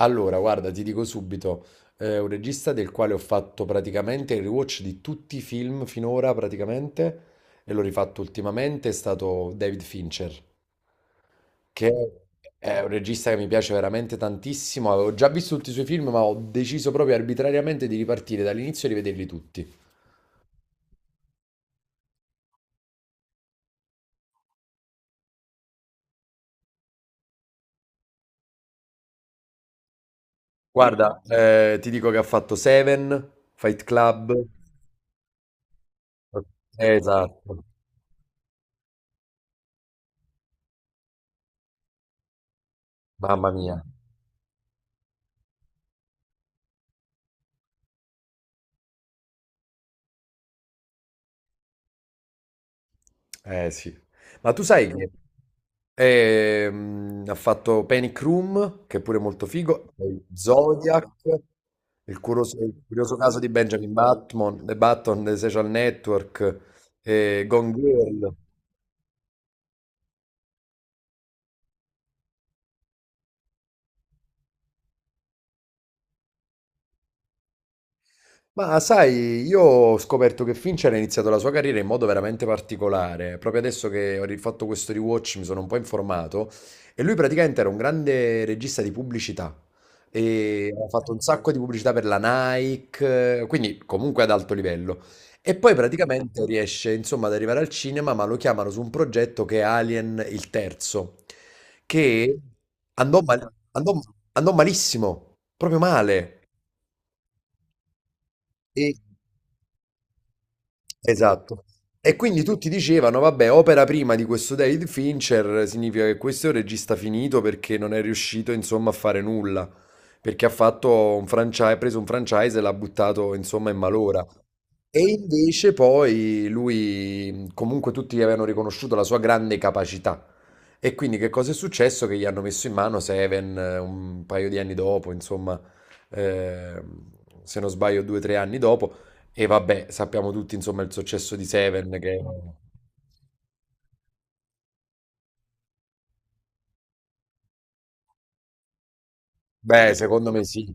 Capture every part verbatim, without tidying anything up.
Allora, guarda, ti dico subito, è un regista del quale ho fatto praticamente il rewatch di tutti i film finora, praticamente, e l'ho rifatto ultimamente, è stato David Fincher, che è un regista che mi piace veramente tantissimo. Avevo già visto tutti i suoi film, ma ho deciso proprio arbitrariamente di ripartire dall'inizio e rivederli tutti. Guarda, eh, ti dico che ha fatto Seven, Fight Club. Esatto, mamma mia. Eh sì. Ma tu sai. Mm. che ehm, Ha fatto Panic Room, che è pure molto figo, poi Zodiac, il curioso, il curioso caso di Benjamin Button, The Button, The Social Network, eh, Gone Girl. Ma sai, io ho scoperto che Fincher ha iniziato la sua carriera in modo veramente particolare. Proprio adesso che ho rifatto questo rewatch mi sono un po' informato e lui praticamente era un grande regista di pubblicità e ha fatto un sacco di pubblicità per la Nike, eh, quindi comunque ad alto livello. E poi praticamente riesce, insomma, ad arrivare al cinema, ma lo chiamano su un progetto che è Alien il terzo, che andò, mal- andò andò malissimo, proprio male. E esatto. E quindi tutti dicevano, vabbè, opera prima di questo David Fincher significa che questo è un regista finito perché non è riuscito, insomma, a fare nulla, perché ha fatto un franchise, ha preso un franchise e l'ha buttato, insomma, in malora. E invece poi lui, comunque tutti gli avevano riconosciuto la sua grande capacità. E quindi che cosa è successo? Che gli hanno messo in mano Seven, eh, un paio di anni dopo, insomma, eh, se non sbaglio due o tre anni dopo. E vabbè, sappiamo tutti insomma il successo di Seven che... Beh, secondo me sì.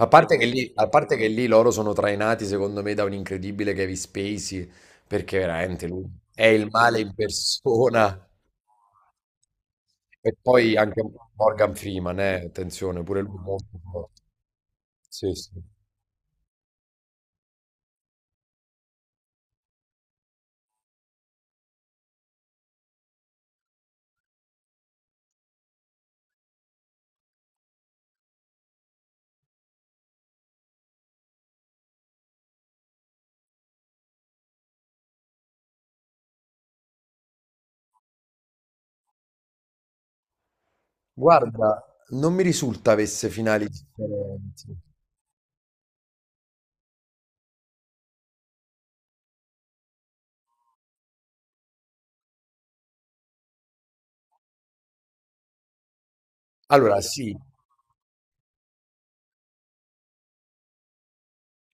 A parte che lì, a parte che lì loro sono trainati secondo me da un incredibile Kevin Spacey, perché veramente lui è il male in persona. E poi anche Morgan Freeman, eh, attenzione, pure lui molto forte. Sì, sì. Guarda, non mi risulta avesse finali differenti. Allora, sì.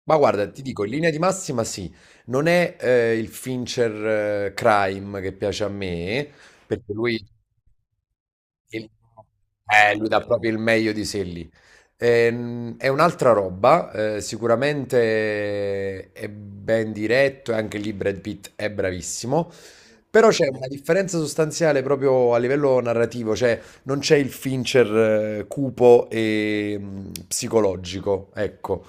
Ma guarda, ti dico, in linea di massima sì, non è eh, il Fincher, eh, Crime che piace a me, perché lui, il- eh, lui dà proprio il meglio di sé lì. Ehm, è un'altra roba, eh, sicuramente è ben diretto e anche lì Brad Pitt è bravissimo, però c'è una differenza sostanziale proprio a livello narrativo, cioè non c'è il Fincher, eh, cupo e mh, psicologico, ecco.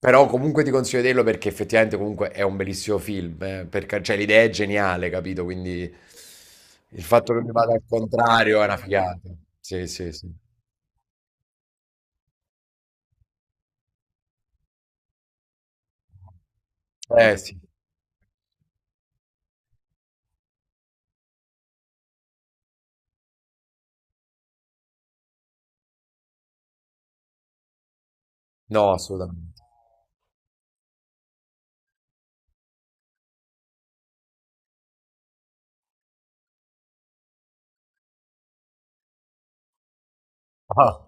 Però comunque ti consiglio di vederlo perché effettivamente comunque è un bellissimo film, eh, per ca- cioè l'idea è geniale, capito? Quindi il fatto che mi vada al contrario è una figata. Sì, sì, sì. Eh sì, no, assolutamente. Ah,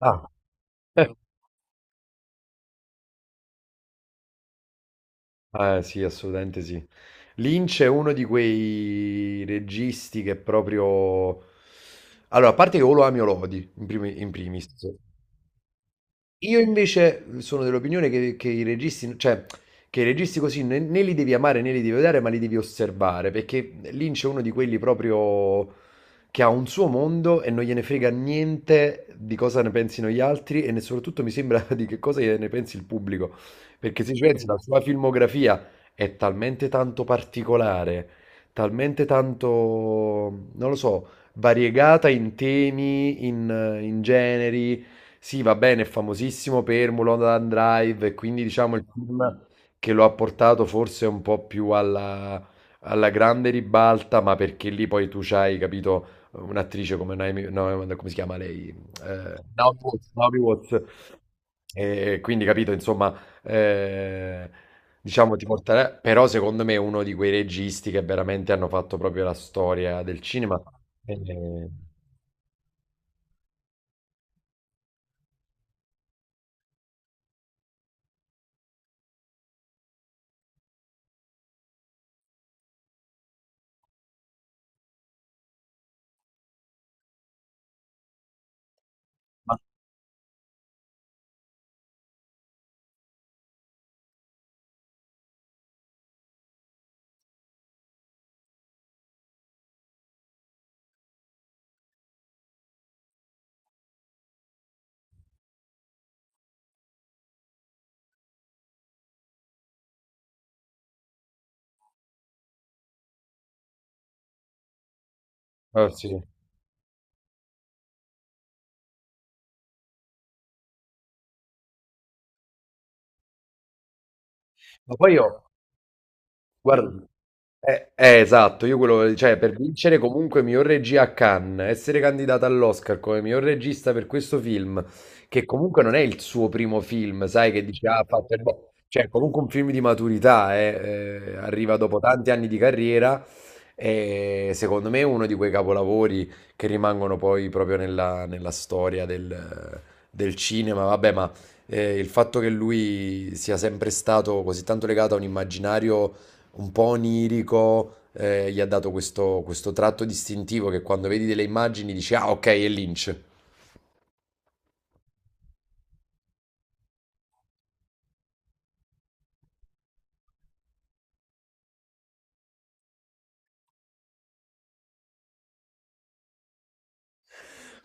ah. Eh sì, assolutamente sì. Lynch è uno di quei registi che proprio... Allora, a parte che o lo ami o lo odi, in primi- in primis. Io invece sono dell'opinione che, che i registi, cioè, che i registi così né, né li devi amare né li devi odiare, ma li devi osservare, perché Lynch è uno di quelli proprio che ha un suo mondo e non gliene frega niente di cosa ne pensino gli altri e ne- soprattutto mi sembra di che cosa ne pensi il pubblico, perché se ci pensi la sua filmografia è talmente tanto particolare, talmente tanto, non lo so, variegata in temi, in in generi. Sì, va bene, è famosissimo per Mulholland Drive, e quindi diciamo il film che lo ha portato forse un po' più alla, alla grande ribalta, ma perché lì poi tu c'hai, capito, un'attrice come Naomi, no, come si chiama lei? Eh, Naomi Watts. Naomi Watts. E quindi, capito, insomma, eh, diciamo ti porterà, però secondo me è uno di quei registi che veramente hanno fatto proprio la storia del cinema. Eh, eh, sì. Ma poi io... Guarda, eh, eh, esatto, io quello, cioè per vincere comunque miglior regia a Cannes, essere candidata all'Oscar come miglior regista per questo film, che comunque non è il suo primo film, sai, che dice, ah, ha fatto il bo-". Cioè, comunque un film di maturità, eh, eh, arriva dopo tanti anni di carriera e secondo me è uno di quei capolavori che rimangono poi proprio nella, nella storia del, del cinema, vabbè, ma eh, il fatto che lui sia sempre stato così tanto legato a un immaginario un po' onirico, eh, gli ha dato questo, questo tratto distintivo che quando vedi delle immagini dici, ah, ok, è Lynch.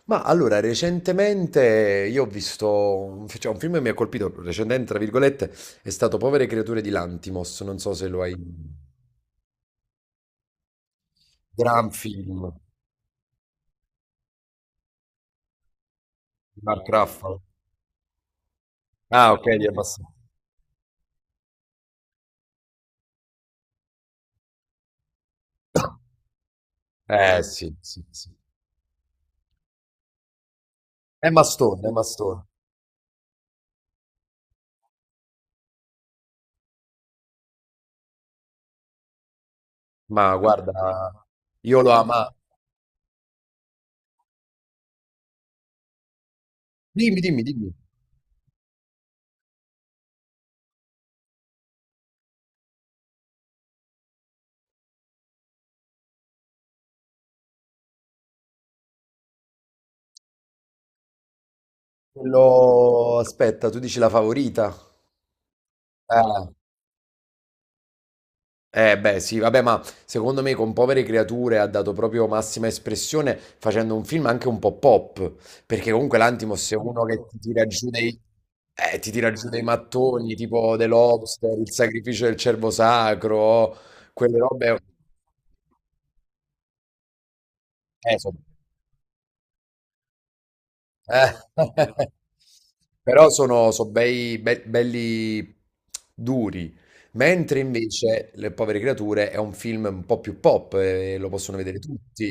Ma allora, recentemente io ho visto un, fi- cioè, un film che mi ha colpito, recentemente, tra virgolette, è stato Povere creature di Lantimos, non so se lo hai... Gran film di Mark Ruffalo. Ah, ok, di Mastone. Eh, sì, sì, sì. È Mastone, è Mastone. Ma guarda, io lo amo. Dimmi, dimmi, dimmi. Quello... Aspetta, tu dici la favorita? Ah. Eh beh sì, vabbè, ma secondo me con Povere Creature ha dato proprio massima espressione facendo un film anche un po' pop, perché comunque l'Antimos è uno che ti tira giù dei, eh, ti tira giù dei mattoni, tipo The Lobster, Il sacrificio del cervo sacro, quelle robe... Eh, so- Eh. Però sono, so bei, be- belli duri, mentre invece Le povere creature è un film un po' più pop, eh, e lo possono vedere tutti.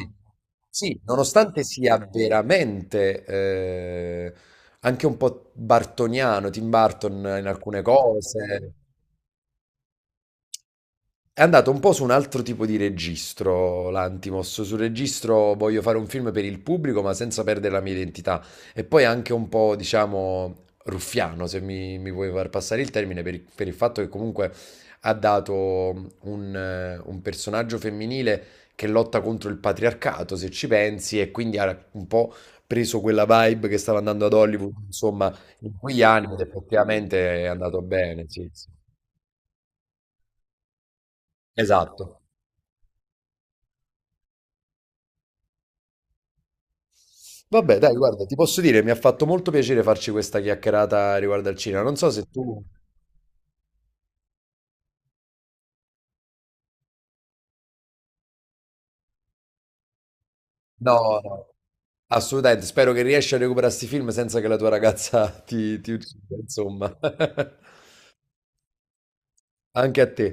Sì, nonostante sia veramente eh, anche un po' bartoniano, Tim Burton in alcune cose. È andato un po' su un altro tipo di registro, l'Antimos, sul registro voglio fare un film per il pubblico ma senza perdere la mia identità e poi anche un po', diciamo, ruffiano, se mi, mi vuoi far passare il termine, per, il per il fatto che comunque ha dato un, eh, un personaggio femminile che lotta contro il patriarcato, se ci pensi, e quindi ha un po' preso quella vibe che stava andando ad Hollywood, insomma, in quegli anni ed effettivamente è andato bene, sì, sì. Esatto. Vabbè, dai, guarda, ti posso dire, mi ha fatto molto piacere farci questa chiacchierata riguardo al cinema. Non so se tu... No, no, assolutamente. Spero che riesci a recuperare questi film senza che la tua ragazza ti, ti uccida, insomma. Anche a te.